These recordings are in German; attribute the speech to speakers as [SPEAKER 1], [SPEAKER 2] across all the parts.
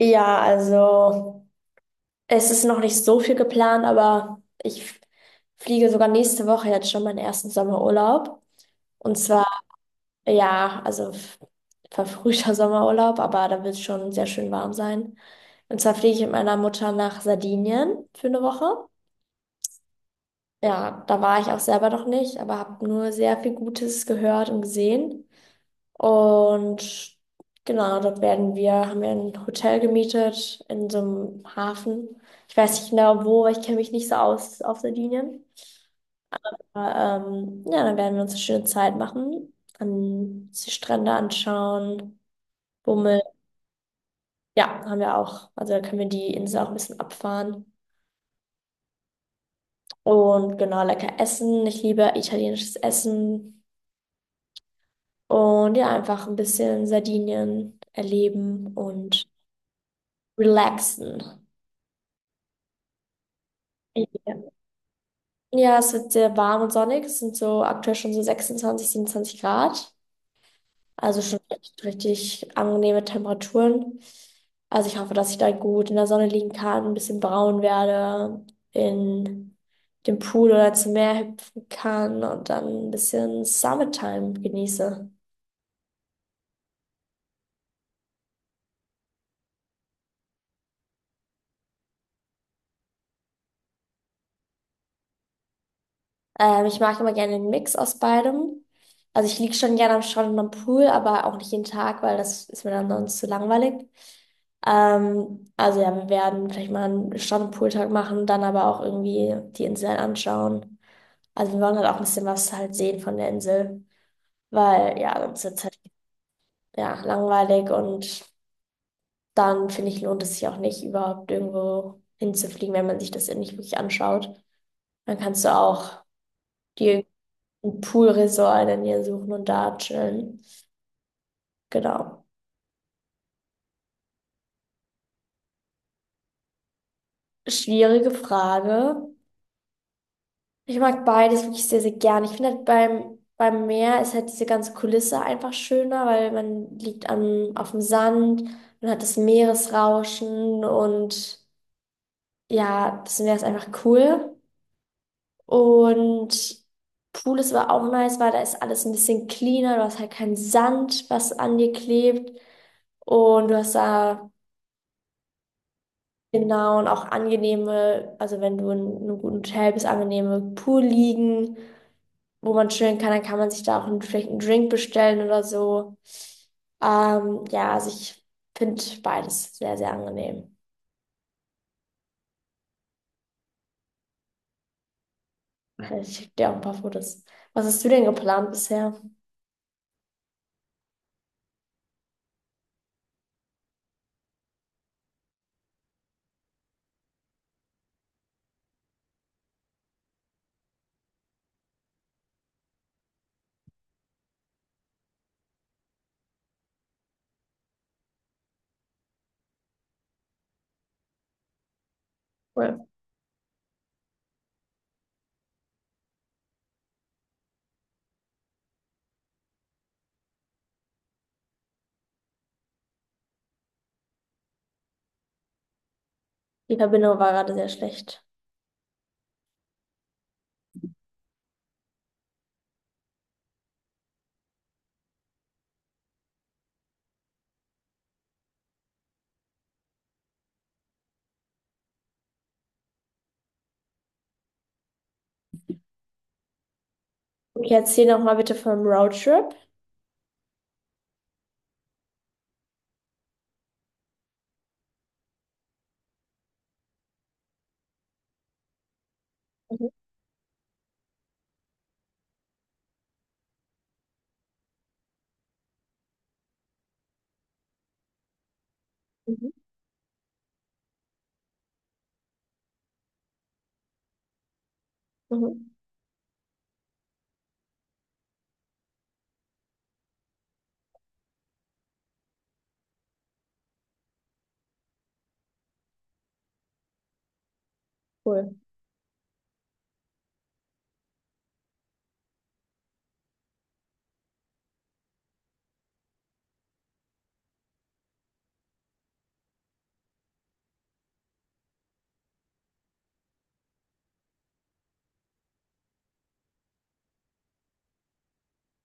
[SPEAKER 1] Ja, also es ist noch nicht so viel geplant, aber fliege sogar nächste Woche jetzt schon meinen ersten Sommerurlaub. Und zwar, ja, verfrühter Sommerurlaub, aber da wird es schon sehr schön warm sein. Und zwar fliege ich mit meiner Mutter nach Sardinien für eine Woche. Ja, da war ich auch selber noch nicht, aber habe nur sehr viel Gutes gehört und gesehen. Und genau, dort werden wir, haben wir ein Hotel gemietet in so einem Hafen. Ich weiß nicht genau wo, weil ich kenne mich nicht so aus auf Sardinien. Aber, ja, dann werden wir uns eine schöne Zeit machen, an die Strände anschauen, Bummel. Ja, haben wir auch. Also dann können wir die Insel auch ein bisschen abfahren. Und genau, lecker essen. Ich liebe italienisches Essen. Und ja, einfach ein bisschen Sardinien erleben und relaxen. Ja. Ja, es wird sehr warm und sonnig. Es sind so aktuell schon so 26, 27 Grad. Also schon echt richtig angenehme Temperaturen. Also ich hoffe, dass ich da gut in der Sonne liegen kann, ein bisschen braun werde, in dem Pool oder zum Meer hüpfen kann und dann ein bisschen Summertime genieße. Ich mag immer gerne den Mix aus beidem. Also ich liege schon gerne am Strand und am Pool, aber auch nicht jeden Tag, weil das ist mir dann sonst zu langweilig. Also ja, wir werden vielleicht mal einen Strand- und Pooltag machen, dann aber auch irgendwie die Insel anschauen. Also wir wollen halt auch ein bisschen was halt sehen von der Insel, weil ja, sonst wird es halt ja, langweilig und dann finde ich, lohnt es sich auch nicht, überhaupt irgendwo hinzufliegen, wenn man sich das nicht wirklich anschaut. Dann kannst du auch dir ein Poolresort in der Nähe suchen und da chillen. Genau. Schwierige Frage. Ich mag beides wirklich sehr, sehr gern. Ich finde halt beim Meer ist halt diese ganze Kulisse einfach schöner, weil man liegt am, auf dem Sand, man hat das Meeresrauschen und ja, das Meer ist einfach cool. Und Pool ist aber auch nice, weil da ist alles ein bisschen cleaner, du hast halt keinen Sand, was an dir klebt. Und du hast da genau, und auch angenehme, also wenn du in einem guten Hotel bist, angenehme Poolliegen, wo man chillen kann, dann kann man sich da auch einen, vielleicht einen Drink bestellen oder so. Ja, also ich finde beides sehr, sehr angenehm. Ich schicke dir auch ein paar Fotos. Was hast du denn geplant bisher? Cool. Die Verbindung war gerade sehr schlecht. Okay, erzähl noch mal bitte vom Roadtrip. Mhm, mhm, mhm, mhm. Cool.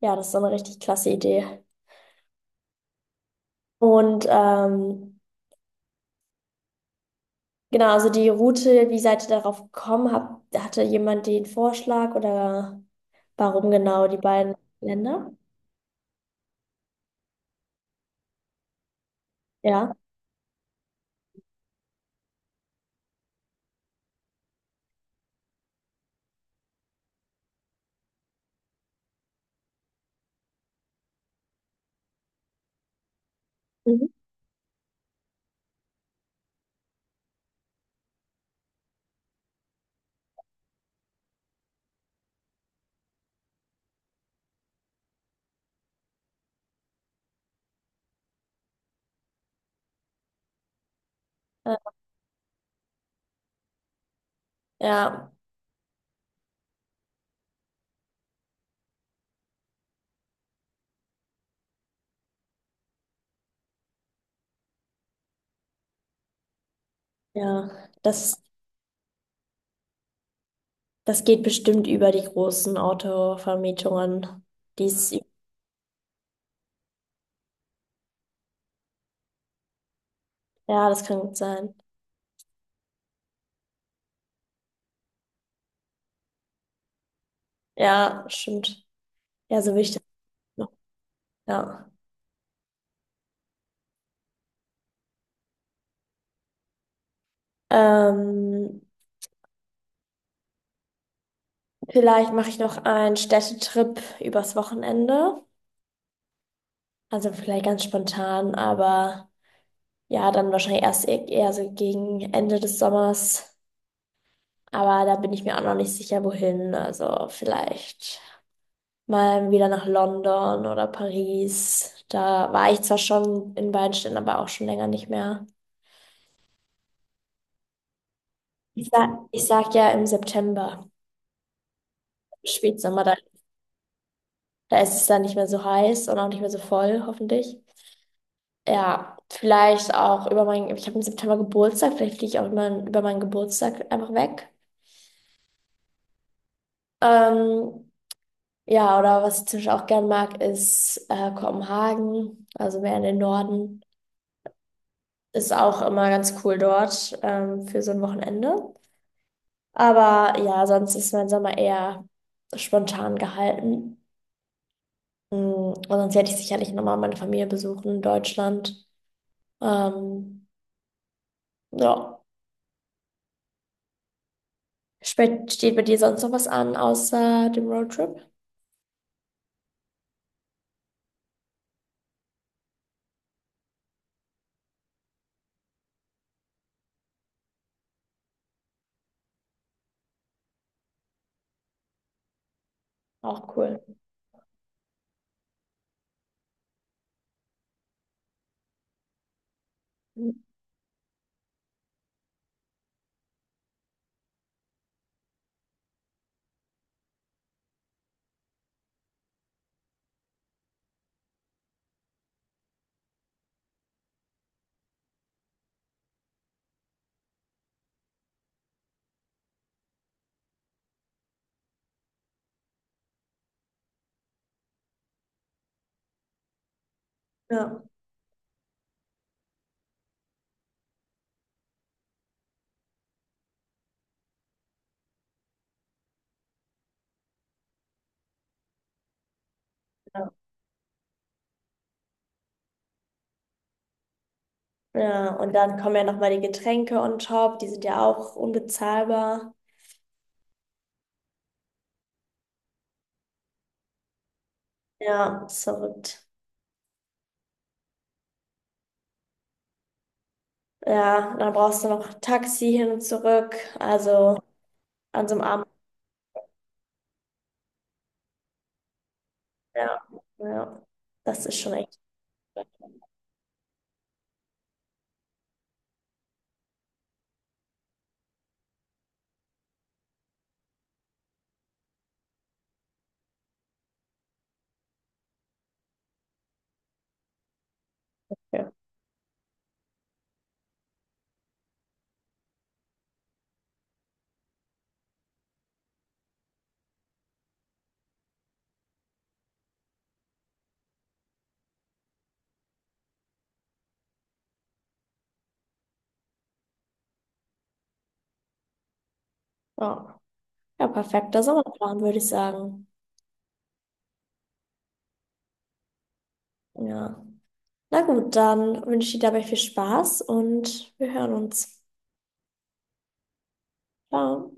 [SPEAKER 1] Ja, das ist doch eine richtig klasse Idee. Und genau, also die Route, wie seid ihr darauf gekommen? Hatte jemand den Vorschlag oder warum genau die beiden Länder? Ja. Mhm. Äh, Ja, ja, das geht bestimmt über die großen Autovermietungen. Dies, ja, das kann gut sein. Ja, stimmt. Ja, so will ich das noch. Ja. Ähm, Vielleicht mache ich noch einen Städtetrip übers Wochenende. Also vielleicht ganz spontan, aber ja, dann wahrscheinlich eher so gegen Ende des Sommers. Aber da bin ich mir auch noch nicht sicher, wohin. Also vielleicht mal wieder nach London oder Paris. Da war ich zwar schon in beiden Städten, aber auch schon länger nicht mehr. Ich sag ja im September, Spätsommer, da da ist es dann nicht mehr so heiß und auch nicht mehr so voll, hoffentlich. Ja, vielleicht auch über meinen, ich habe im September Geburtstag, vielleicht fliege ich auch immer über meinen Geburtstag einfach weg. Ähm, ja, oder was ich zum Beispiel auch gern mag, ist Kopenhagen, also mehr in den Norden. Ist auch immer ganz cool dort für so ein Wochenende. Aber ja, sonst ist mein Sommer eher spontan gehalten. Mm, und sonst hätte ich sicherlich nochmal meine Familie besuchen in Deutschland. Ähm, ja. Steht bei dir sonst noch was an, außer dem Roadtrip? Auch cool. Ja. Ja, ja, und dann kommen ja nochmal die Getränke on top, die sind ja auch unbezahlbar. Ja, ist verrückt. Ja, dann brauchst du noch Taxi hin und zurück. Also an so einem Abend, ja, ja, das ist schon echt. Ja. Ja. Ja, perfekter Sommerplan, würde ich sagen. Ja. Na gut, dann wünsche ich dir dabei viel Spaß und wir hören uns. Ciao.